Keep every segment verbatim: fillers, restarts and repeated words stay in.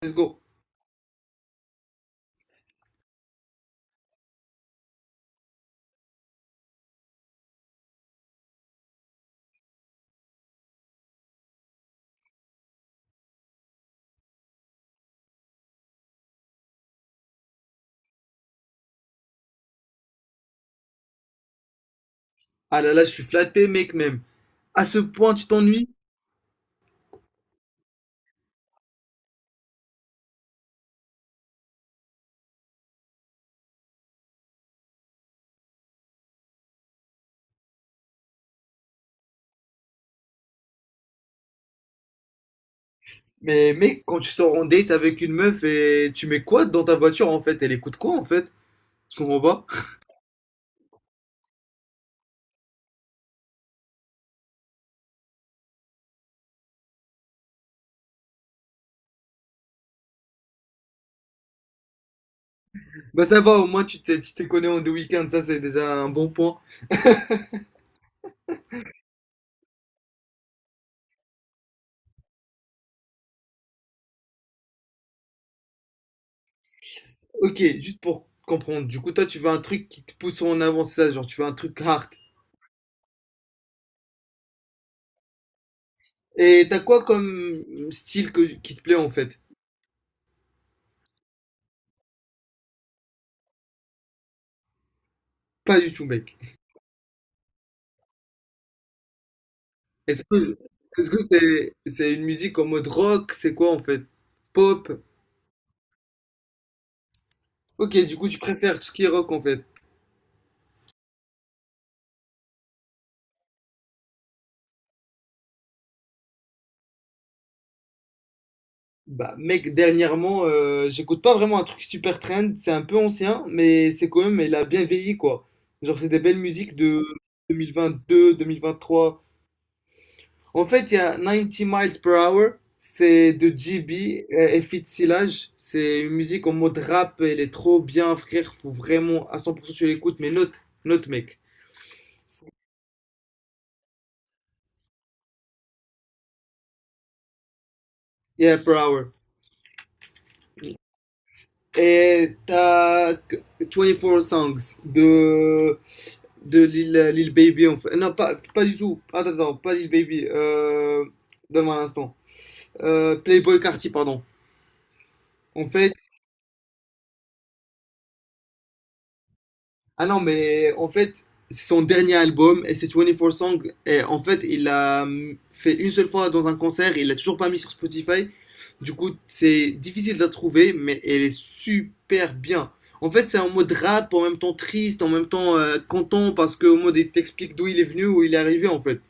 Let's go. Ah là là, je suis flatté, mec, même. À ce point, tu t'ennuies? Mais mec, quand tu sors en date avec une meuf et tu mets quoi dans ta voiture en fait? Elle écoute quoi en fait? Je comprends pas. Bah ça va, au moins tu t'es, tu te connais en deux week-ends, ça c'est déjà un bon point. Ok, juste pour comprendre, du coup toi tu veux un truc qui te pousse en avant, c'est ça, genre tu veux un truc hard. Et t'as quoi comme style que, qui te plaît en fait? Pas du tout, mec. Est-ce que est-ce que c'est c'est une musique en mode rock? C'est quoi en fait? Pop? Ok, du coup, tu préfères tout ce qui est rock en fait. Bah, mec, dernièrement, euh, j'écoute pas vraiment un truc super trend. C'est un peu ancien, mais c'est quand même, il a bien vieilli quoi. Genre, c'est des belles musiques de deux mille vingt-deux, deux mille vingt-trois. En fait, il y a Ninety Miles Per Hour, c'est de G B et Fit Silage. C'est une musique en mode rap, elle est trop bien, frère. Faut vraiment à cent pour cent tu l'écoutes, mais note, note, mec. Yeah, Per Hour. Et t'as vingt-quatre Songs de de Lil, euh, Lil Baby, en fait. Non, pas, pas du tout. Attends, attends, pas Lil Baby. Euh, donne-moi un instant. Euh, Playboy Carti, pardon. En fait, ah non, mais en fait, c'est son dernier album et c'est vingt-quatre Songs. Et en fait, il l'a hum, fait une seule fois dans un concert, il l'a toujours pas mis sur Spotify. Du coup, c'est difficile de la trouver, mais elle est super bien. En fait, c'est en mode rap, en même temps triste, en même temps euh, content, parce qu'au mode, il t'explique d'où il est venu, où il est arrivé, en fait.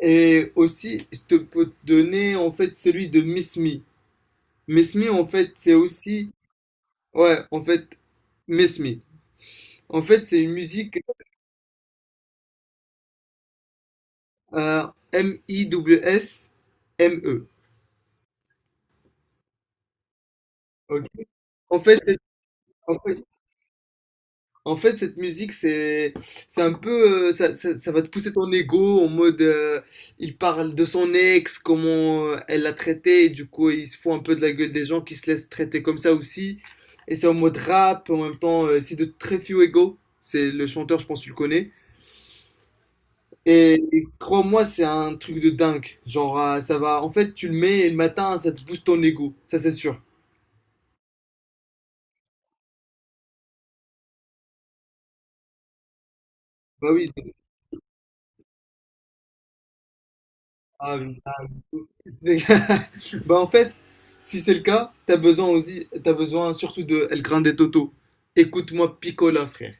Et aussi, je te peux te donner en fait celui de Miss Me. Miss Me, en fait, c'est aussi. Ouais, en fait, Miss Me. En fait, c'est une musique euh, M-I-W-S-M-E. Ok. En fait, c'est- en fait, En fait, cette musique, c'est, c'est un peu, euh, ça, ça, ça va te pousser ton ego en mode, euh, il parle de son ex, comment euh, elle l'a traité, et du coup, il se fout un peu de la gueule des gens qui se laissent traiter comme ça aussi. Et c'est en mode rap, en même temps, euh, c'est de très few ego. C'est le chanteur, je pense que tu le connais. Et, et crois-moi, c'est un truc de dingue. Genre, euh, ça va, en fait, tu le mets et le matin, ça te booste ton ego. Ça, c'est sûr. Bah oui. Ah, oui, ah, oui. Bah en fait, si c'est le cas, t'as besoin aussi, t'as besoin surtout de El Grande Toto. Écoute-moi Picola, frère.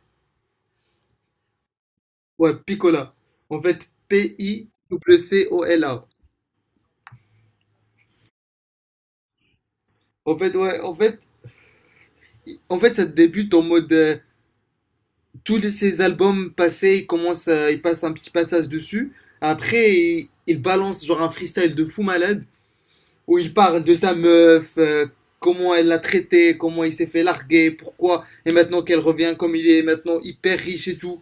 Ouais, Picola. En fait, P-I-C-O-L-A. En fait, ouais, en fait, i- en fait, ça débute en mode euh, tous les- ces albums passés, ils commencent, à- ils passent un petit passage dessus. Après, il, il balance genre un freestyle de fou malade où il parle de sa meuf, euh, comment elle l'a traité, comment il s'est fait larguer, pourquoi, et maintenant qu'elle revient comme il est, maintenant hyper riche et tout.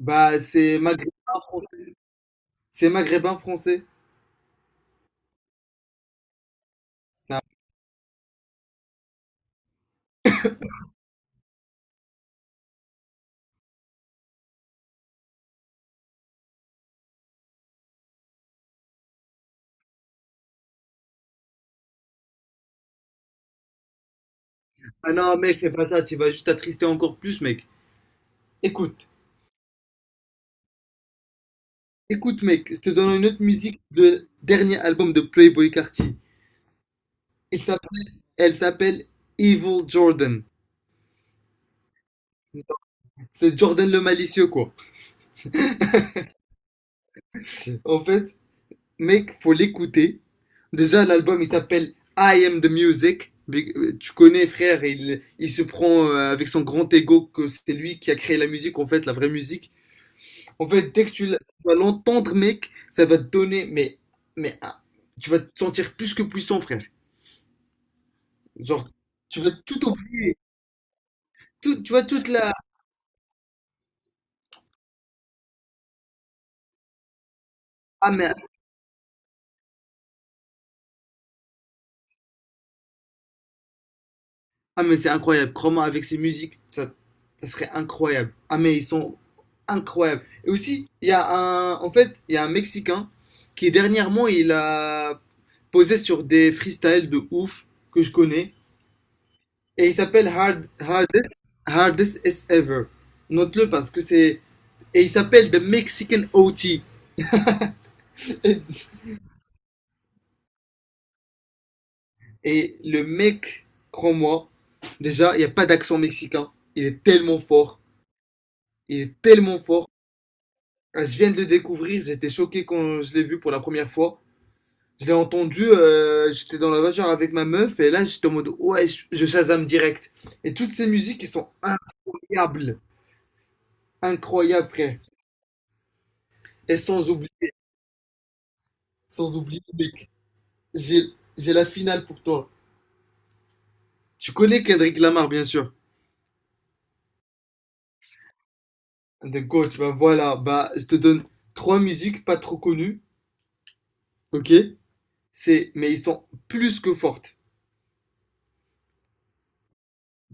Bah, c'est maghrébin français. C'est maghrébin français. C'est un- Ah non, mec, fais pas ça, tu vas juste t'attrister encore plus, mec. Écoute, écoute, mec, je te donne une autre musique de dernier album de Playboy Carti. Il s'appelle, elle s'appelle Evil Jordan. C'est Jordan le malicieux, quoi. En fait, mec, faut l'écouter. Déjà, l'album, il s'appelle I Am The Music. Mais, euh, Tu connais, frère, il, il se prend euh, avec son grand ego que c'est lui qui a créé la musique, en fait, la vraie musique. En fait, dès que tu l- tu vas l'entendre, mec, ça va te donner, mais, mais ah, tu vas te sentir plus que puissant, frère. Genre, tu vas tout oublier, tout, tu vois, toute la... Ah mais, ah, mais c'est incroyable, crois-moi, avec ces musiques, ça, ça serait incroyable. Ah mais ils sont incroyables. Et aussi, il y a un, en fait, il y a un Mexicain qui dernièrement, il a posé sur des freestyles de ouf que je connais, et il s'appelle Hard, Hardest, Hardest As Ever. Note-le parce que c'est Et il s'appelle The Mexican O T. Et le mec, crois-moi, déjà, il n'y a pas d'accent mexicain. Il est tellement fort. Il est tellement fort. Ah, Je viens de le découvrir. J'étais choqué quand je l'ai vu pour la première fois. Je l'ai entendu. euh, j'étais dans la voiture avec ma meuf. Et là, j'étais en mode, ouais, je, je Shazam direct. Et toutes ces musiques, elles sont incroyables. Incroyables, frère. Et sans oublier, sans oublier, mec, j'ai j'ai la finale pour toi. Tu connais Kendrick Lamar, bien sûr. The Goat, bah voilà, bah je te donne trois musiques pas trop connues, ok? C'est, mais ils sont plus que fortes.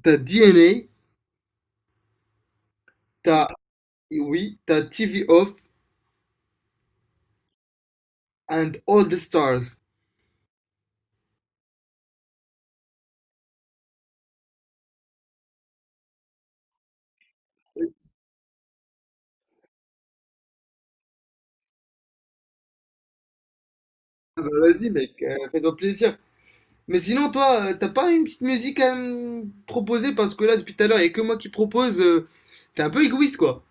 T'as D N A, t'as, oui, t'as T V Off and All the Stars. Ah bah vas-y mec, euh, fais-toi plaisir. Mais sinon toi, euh, t'as pas une petite musique à me proposer parce que là depuis tout à l'heure, il y a que moi qui propose. euh, t'es un peu égoïste quoi.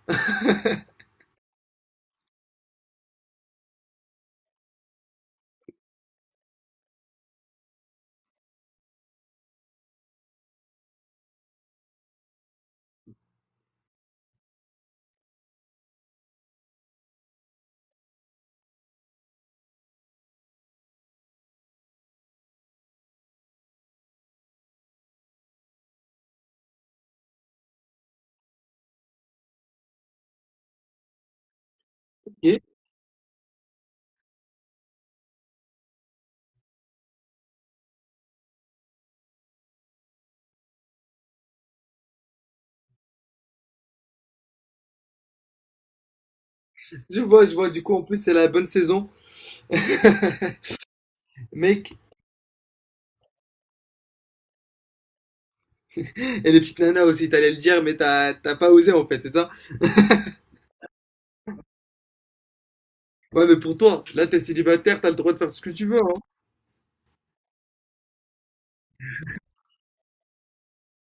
Ok. Je vois, je vois. Du coup en plus c'est la bonne saison, mec. Et les petites nanas aussi, t'allais le dire, mais t'as t'as pas osé en fait, c'est ça? Ouais, mais pour toi, là, t'es célibataire, t'as le droit de faire ce que tu veux, hein.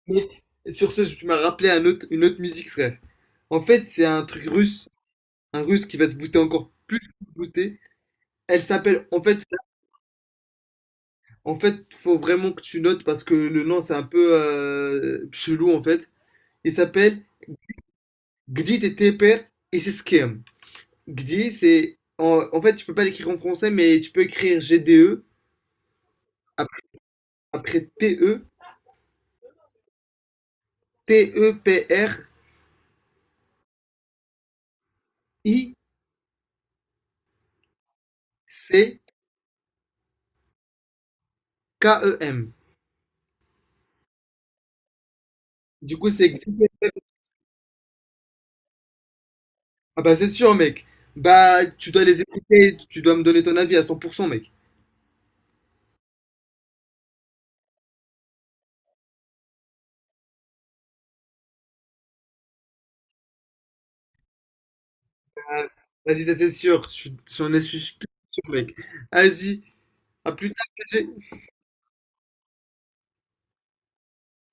Mais sur ce, tu m'as rappelé un autre, une autre musique, frère. En fait, c'est un truc russe, un russe qui va te booster encore plus, te booster. Elle s'appelle, en fait, en fait, faut vraiment que tu notes parce que le nom, c'est un peu euh, chelou, en fait. Il s'appelle Gdi Teper et c'est Skem. Gdi, c'est, en, en fait, tu peux pas l'écrire en français, mais tu peux écrire G D E après, après T E T-E-P-R-I-C-K-E-M. Du coup, c'est... Ah bah c'est sûr, mec. Bah, tu dois les écouter, tu dois me donner ton avis à cent pour cent, mec. Ah, Vas-y, ça c'est sûr. Je suis... J'en ai- je suis sûr, mec. Vas-y, à plus tard, P G.